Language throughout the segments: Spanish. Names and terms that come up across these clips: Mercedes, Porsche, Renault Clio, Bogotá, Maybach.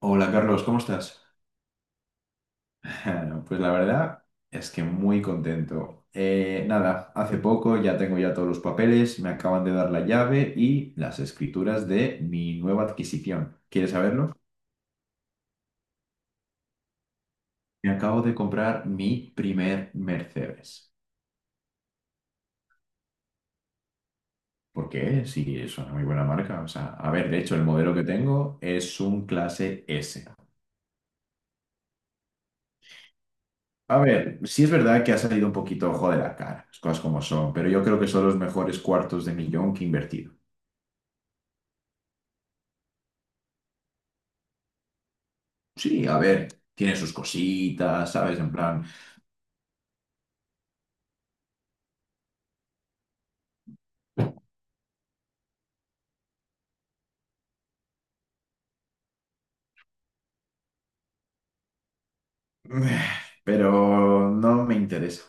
Hola Carlos, ¿cómo estás? Pues la verdad es que muy contento. Nada, hace poco ya tengo ya todos los papeles, me acaban de dar la llave y las escrituras de mi nueva adquisición. ¿Quieres saberlo? Me acabo de comprar mi primer Mercedes. ¿Por qué? Sí, es una muy buena marca. O sea, a ver, de hecho, el modelo que tengo es un clase S. A ver, sí es verdad que ha salido un poquito ojo de la cara, las cosas como son, pero yo creo que son los mejores cuartos de millón que he invertido. Sí, a ver, tiene sus cositas, ¿sabes? En plan, pero no me interesa.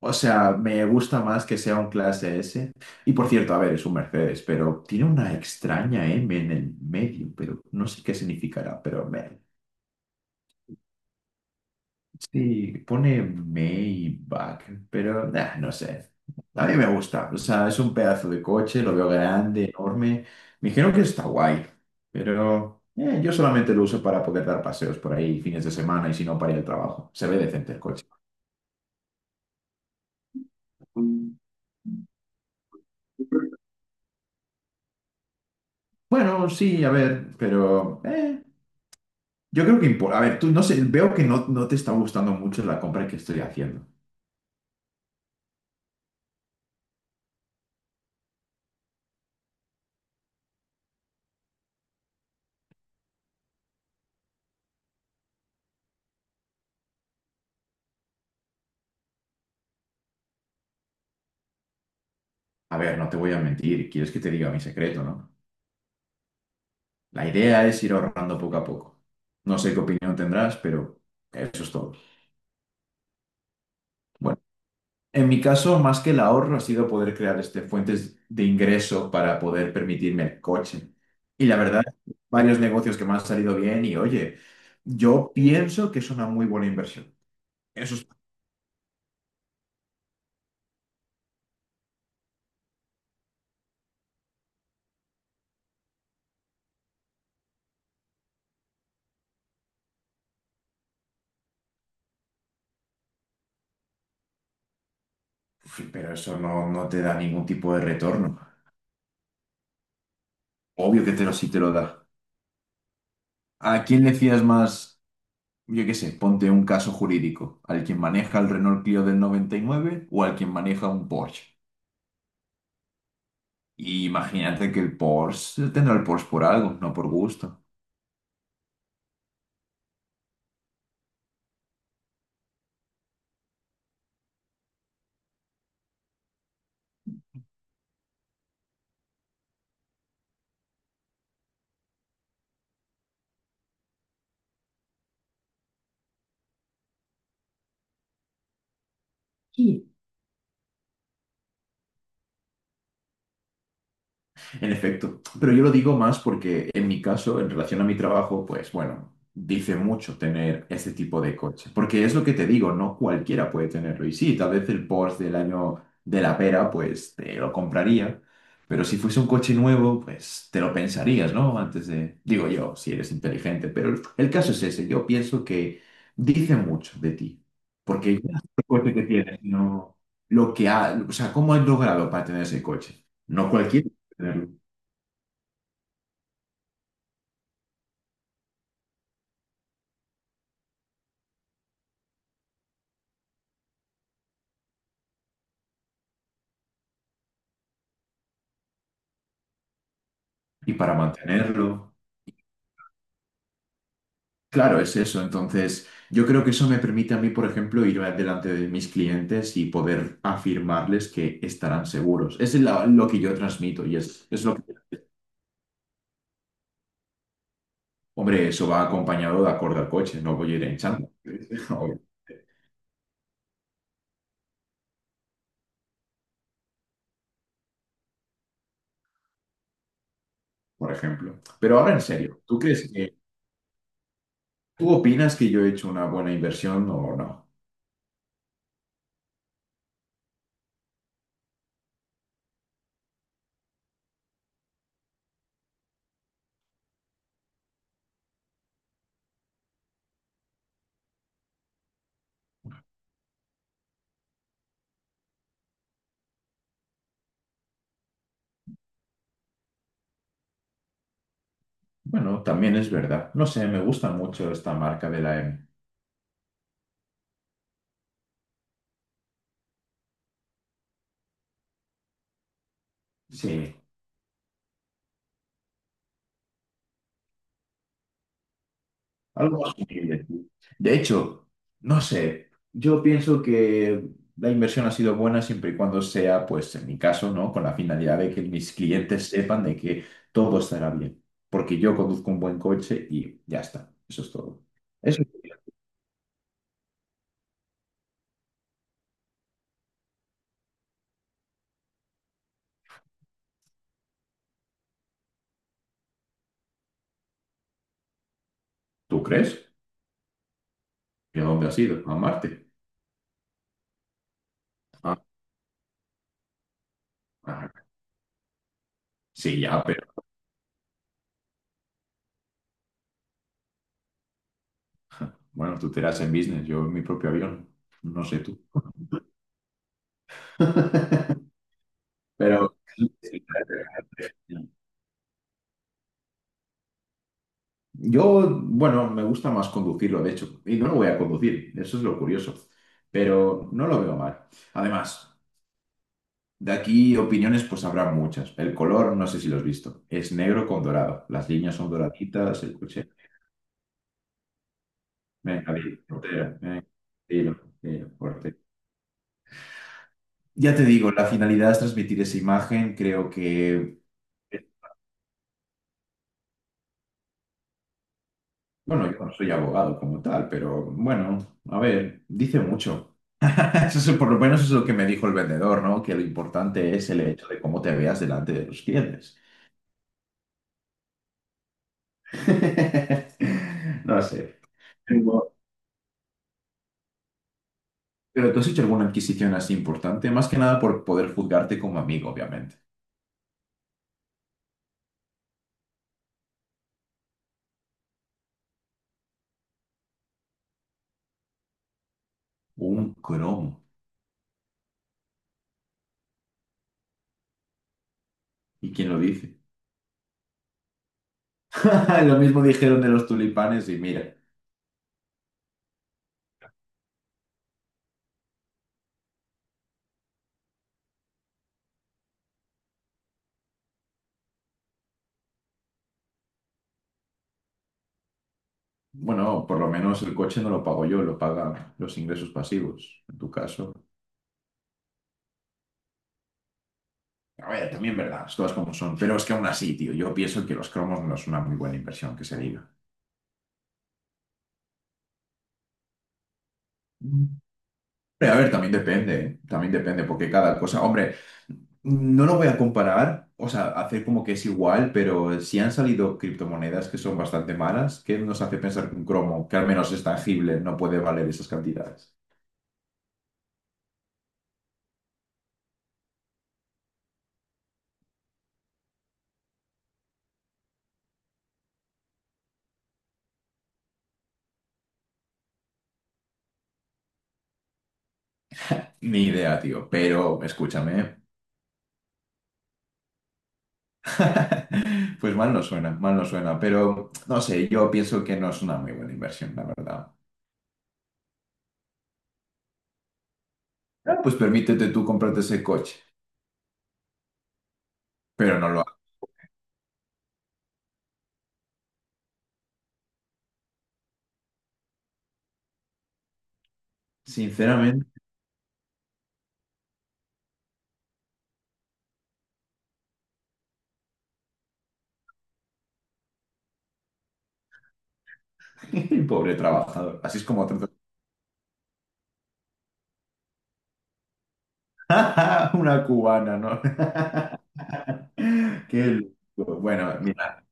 O sea, me gusta más que sea un clase S. Y por cierto, a ver, es un Mercedes, pero tiene una extraña M en el medio, pero no sé qué significará, pero meh. Sí, pone Maybach, pero nah, no sé. A mí me gusta. O sea, es un pedazo de coche, lo veo grande, enorme. Me dijeron que está guay, pero yo solamente lo uso para poder dar paseos por ahí fines de semana y si no para ir al trabajo. Se ve decente el coche. Bueno, sí, a ver, pero yo creo que importa. A ver, tú no sé, veo que no te está gustando mucho la compra que estoy haciendo. A ver, no te voy a mentir, quieres que te diga mi secreto, ¿no? La idea es ir ahorrando poco a poco. No sé qué opinión tendrás, pero eso es todo. Bueno, en mi caso, más que el ahorro, ha sido poder crear este, fuentes de ingreso para poder permitirme el coche. Y la verdad, varios negocios que me han salido bien y oye, yo pienso que es una muy buena inversión. Eso es- sí, pero eso no te da ningún tipo de retorno. Obvio que te lo, sí te lo da. ¿A quién le fías más? Yo qué sé, ponte un caso jurídico, al quien maneja el Renault Clio del 99 o al quien maneja un Porsche. Y imagínate que el Porsche tendrá el Porsche por algo, no por gusto. En efecto, pero yo lo digo más porque en mi caso, en relación a mi trabajo, pues bueno, dice mucho tener este tipo de coche, porque es lo que te digo, no cualquiera puede tenerlo. Y sí, tal vez el Porsche del año de la pera, pues te lo compraría, pero si fuese un coche nuevo, pues te lo pensarías, ¿no? Antes de, digo yo, si eres inteligente, pero el caso es ese, yo pienso que dice mucho de ti, porque ya no es el coche que tienes, no lo que ha, o sea, cómo has logrado para tener ese coche. No cualquiera puede tenerlo. Y para mantenerlo. Claro, es eso. Entonces, yo creo que eso me permite a mí, por ejemplo, ir delante de mis clientes y poder afirmarles que estarán seguros. Lo que yo transmito y es lo que... Hombre, eso va acompañado de acorde al coche, no voy a ir en chándal, obviamente, por ejemplo. Pero ahora en serio, ¿tú crees que... ¿Tú opinas que yo he hecho una buena inversión o no? Bueno, también es verdad. No sé, me gusta mucho esta marca de la M. Sí. Algo asumible. De hecho, no sé, yo pienso que la inversión ha sido buena siempre y cuando sea, pues en mi caso, ¿no? Con la finalidad de que mis clientes sepan de que todo estará bien. Porque yo conduzco un buen coche y ya está. Eso es todo. Eso. ¿Tú crees? ¿Y a dónde has ido? A Marte. Ah, ah. Sí, ya, pero bueno, tú te irás en business, yo en mi propio avión. No sé tú. Pero... Yo, bueno, me gusta más conducirlo, de hecho, y no lo voy a conducir, eso es lo curioso, pero no lo veo mal. Además, de aquí opiniones pues habrá muchas. El color, no sé si lo has visto, es negro con dorado, las líneas son doraditas, el coche. Venga, dilo, portero, venga, dilo, dilo, portero. Ya te digo, la finalidad es transmitir esa imagen, creo que, bueno, yo no soy abogado como tal, pero bueno, a ver, dice mucho. Eso es, por lo menos es lo que me dijo el vendedor, ¿no? Que lo importante es el hecho de cómo te veas delante de los clientes. No sé. Pero, pero tú has hecho alguna adquisición así importante, más que nada por poder juzgarte como amigo, obviamente. Un cromo. ¿Y quién lo dice? Lo mismo dijeron de los tulipanes y mira. Bueno, por lo menos el coche no lo pago yo, lo pagan los ingresos pasivos, en tu caso. A ver, también verdad, las cosas como son. Pero es que aún así, tío, yo pienso que los cromos no es una muy buena inversión, que se diga. Hombre, a ver, también depende, ¿eh? También depende, porque cada cosa, hombre, no lo voy a comparar, o sea, hacer como que es igual, pero si han salido criptomonedas que son bastante malas, ¿qué nos hace pensar que un cromo, que al menos es tangible, no puede valer esas cantidades? Ni idea, tío, pero escúchame, pues mal no suena, pero no sé, yo pienso que no es una muy buena inversión, la verdad. Ah, pues permítete tú comprarte ese coche, pero no lo hagas. Sinceramente, pobre trabajador, así es como una cubana, ¿no? Qué loco. Bueno, mira,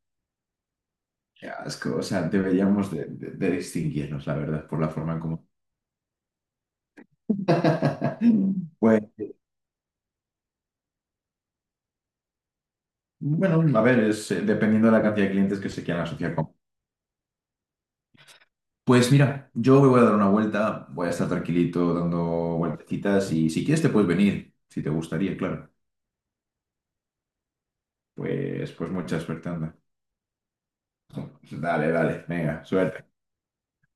qué asco. O sea, deberíamos de, de distinguirnos, la verdad, por la forma en cómo. Pues, bueno, a ver, es, dependiendo de la cantidad de clientes que se quieran asociar con. Pues mira, yo me voy a dar una vuelta, voy a estar tranquilito dando vueltecitas y si quieres te puedes venir, si te gustaría, claro. Pues mucha suerte, anda. Dale, dale, venga, suerte.